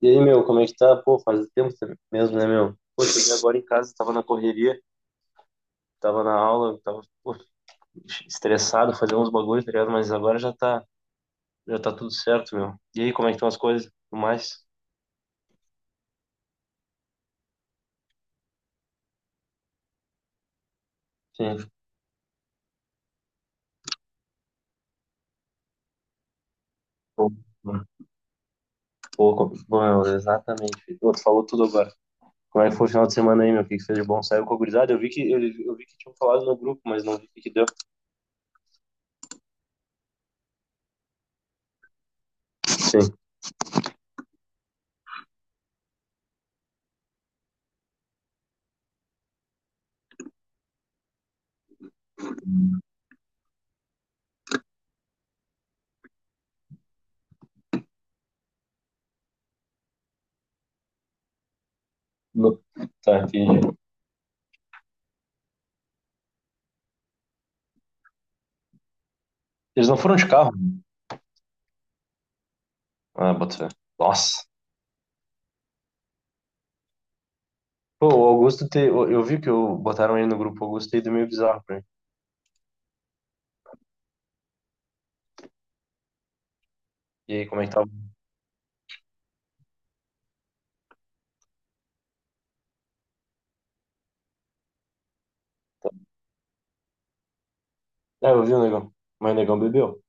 E aí, meu, como é que tá? Pô, faz tempo mesmo, né, meu? Pô, cheguei agora em casa, tava na correria, tava na aula, tava, pô, estressado, fazendo uns bagulhos, tá ligado? Mas agora já tá tudo certo, meu. E aí, como é que estão as coisas? Tudo mais? Sim. Pô, bom, meu, exatamente. Pô, tu falou tudo agora. Como é que foi o final de semana aí, meu? O que que fez de bom? Saiu com a gurizada? Eu vi que, eu vi que tinham falado no grupo, mas não vi o que que deu. Sim. No- Tá, entendi. Eles não foram de carro? Ah, bota fé. Nossa. Pô, o Augusto, te... eu vi que eu... botaram ele no grupo Augusto e do meio bizarro pra mim. E aí, como é que tava? É, eu vi o negão. Mas o negão bebeu.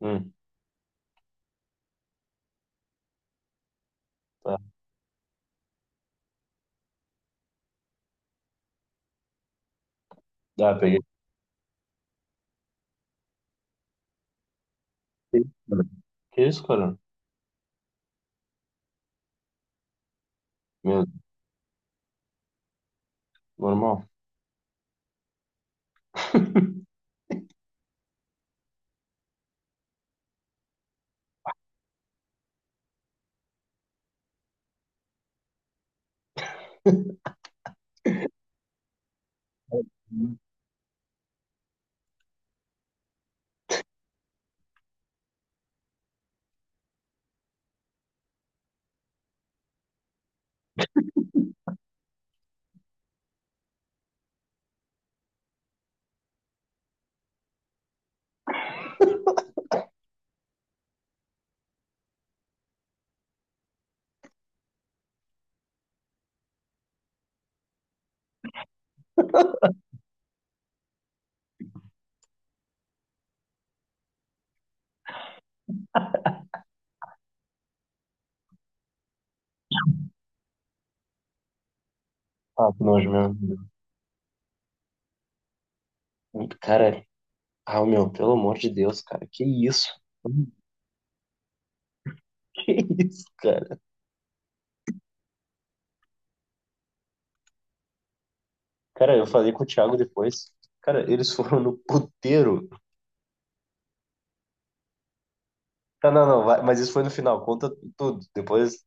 Hum, tá. Ah, peguei. Que isso, cara? Que isso, cara? Meu, normal. Ah, que nojo mesmo. Cara, ah, meu, pelo amor de Deus, cara, que isso? Que isso, cara? Cara, eu falei com o Thiago depois. Cara, eles foram no puteiro. Tá, não, não, vai, mas isso foi no final, conta tudo. Depois,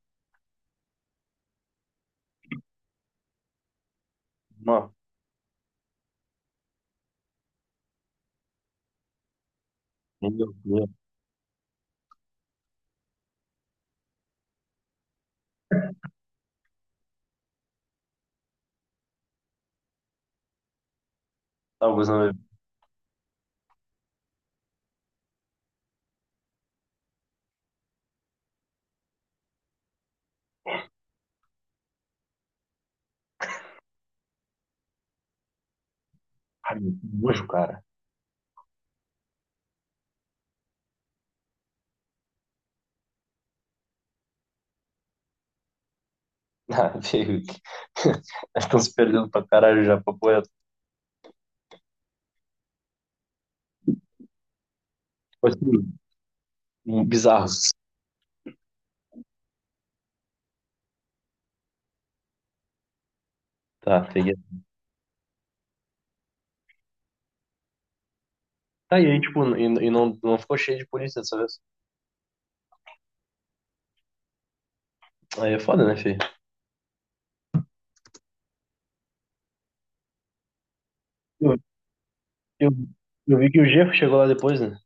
não. Meu Deus, Augusto não bebeu. Ai, meu, que nojo, cara. Ah, veio que estão se perdendo pra caralho já, papo reto. Tipo assim, bizarros. Tá, peguei. Tá, e aí, tipo, e, não ficou cheio de polícia dessa vez. Aí é foda, né, filho? Eu, eu, eu vi que o Jeff chegou lá depois, né?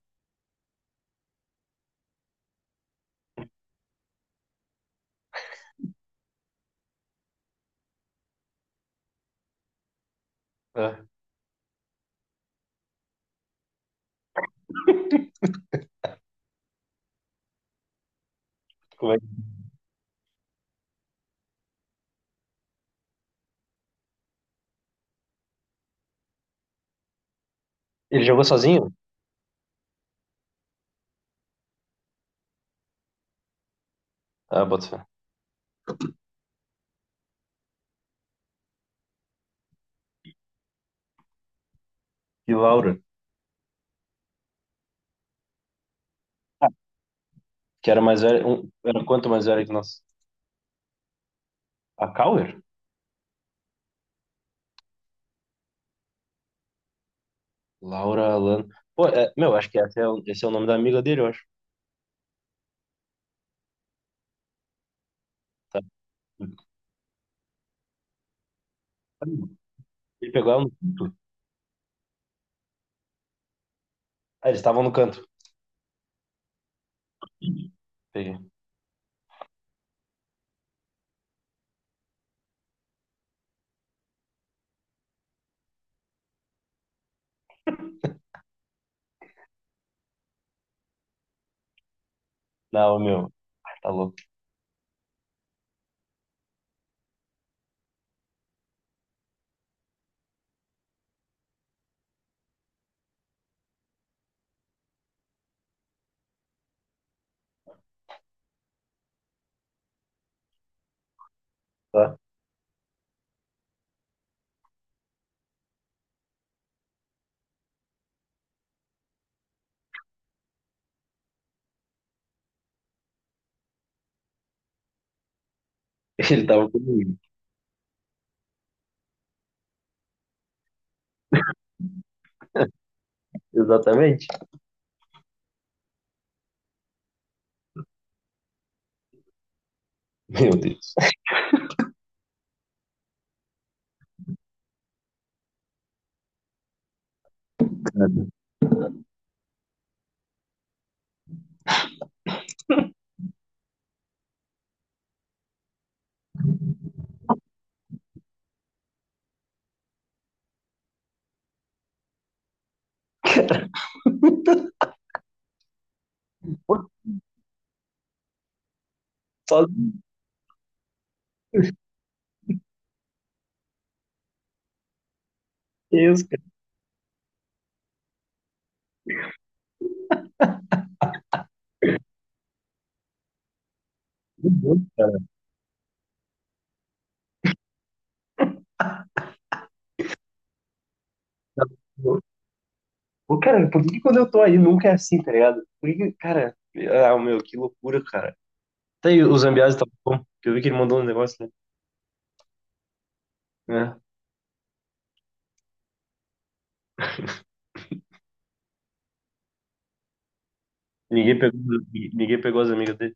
É. Como é que- Ele jogou sozinho? Ah, bota fé. E Laura, que era mais velha, um, era quanto mais velha que nós? A Cauer? Laura Alan. Pô, é, meu, acho que esse é, esse é o nome da amiga dele, eu acho. Tá. Ele pegou ela no canto. Ah, eles estavam no canto. Peguei. Não, meu, tá louco. Tá? Ele tava comigo. Exatamente. Meu Deus. Cara. Pô, só Deus, cara. Meu Deus, cara. Pô, cara, por que que quando eu tô aí nunca é assim, tá ligado? Por que, cara, ah, meu, que loucura, cara. Tá aí, o Zambiase tá bom, que eu vi que ele mandou um negócio, né? É. Ninguém pegou, ninguém pegou as amigas dele.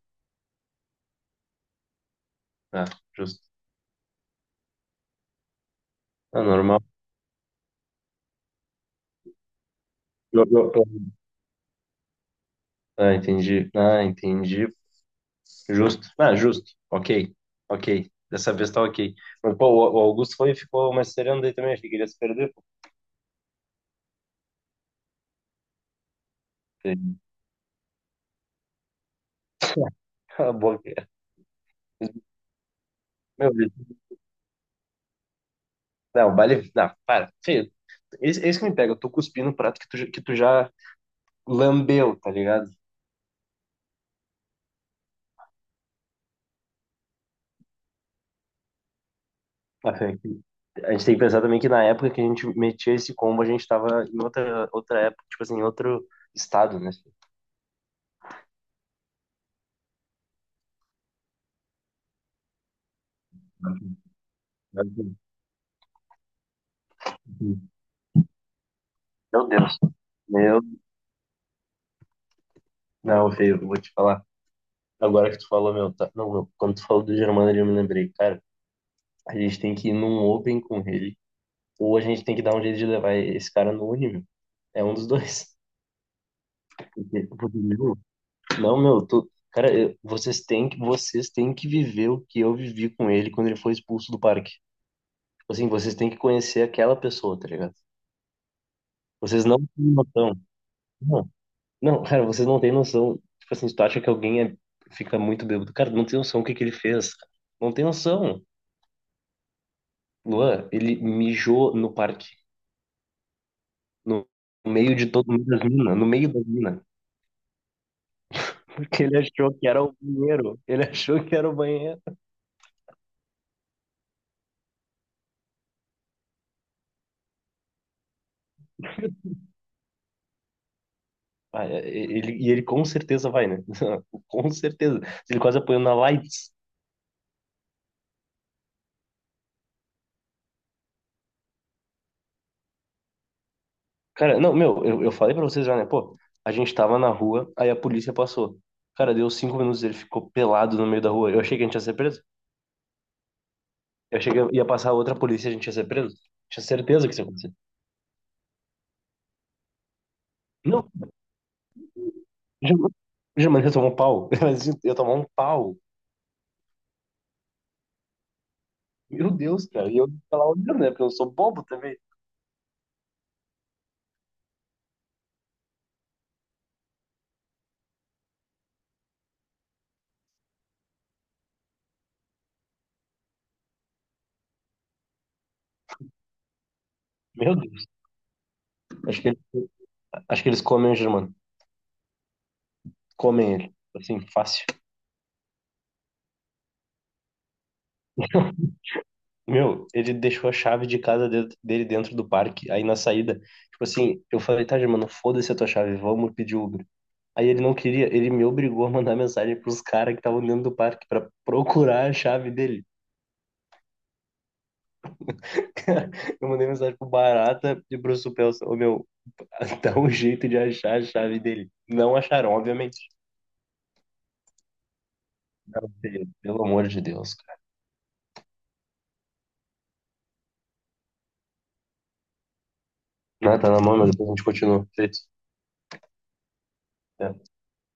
Ah, justo. Ah, normal. Eu- eu- eu- Ah, entendi. Ah, entendi. Justo. Ah, justo. Ok. Ok. Dessa vez tá ok. Mas, pô, o Augusto foi e ficou magisteriano daí também. Achei que ele ia se perder. Pô. porque- Cala a boca. É. Meu Deus. Não, o baile. Não, para. Feio. Esse que me pega. Eu tô cuspindo o prato que tu, que tu já lambeu, tá ligado? Ah, é que- A gente tem que pensar também que na época que a gente metia esse combo, a gente tava em outra, outra época, tipo assim, em outro estado, né? Meu Deus. Meu. Não, feio, vou te falar. Agora que tu falou, meu, tá... não, meu, quando tu falou do Germano, eu me lembrei, cara, a gente tem que ir num Open com ele, ou a gente tem que dar um jeito de levar esse cara no Uni, meu. É um dos dois. Porque, meu, não, meu, tu, cara, vocês têm que viver o que eu vivi com ele quando ele foi expulso do parque. Tipo assim, vocês têm que conhecer aquela pessoa, tá ligado? Vocês não têm noção. Não, não, cara, vocês não têm noção. Tipo assim, tu acha que alguém é, fica muito bêbado. Cara, não tem noção o que que ele fez. Não tem noção. Luan, ele mijou no parque. No meio de todo mundo das minas. No meio das minas. Porque ele achou que era o banheiro. Ele achou que era o banheiro. Ah, é, é, ele, e ele com certeza vai, né? Com certeza. Ele quase apanhou na lights. Cara, não, meu, eu falei pra vocês já, né? Pô, a gente tava na rua, aí a polícia passou. Cara, deu cinco minutos, ele ficou pelado no meio da rua. Eu achei que a gente ia ser preso. Eu achei que ia passar outra polícia e a gente ia ser preso. Tinha certeza que isso ia acontecer. Não, jamais, jamais ia tomar um pau. Imagina, eu ia tomar um pau. Meu Deus, cara. E eu tava lá olhando, né? Porque eu sou bobo também. Meu Deus. Acho que, acho que eles comem o Germano. Comem ele. Assim, fácil. Meu, ele deixou a chave de casa dele dentro do parque, aí na saída. Tipo assim, eu falei, tá, Germano, foda-se a tua chave, vamos pedir Uber. Aí ele não queria, ele me obrigou a mandar mensagem pros caras que estavam dentro do parque pra procurar a chave dele. Eu mandei mensagem pro Barata e pro Supelso. Ô, meu, dá um jeito de achar a chave dele. Não acharam, obviamente. Não, pelo amor de Deus. Ah, tá na mão, mas depois a gente continua. Feito.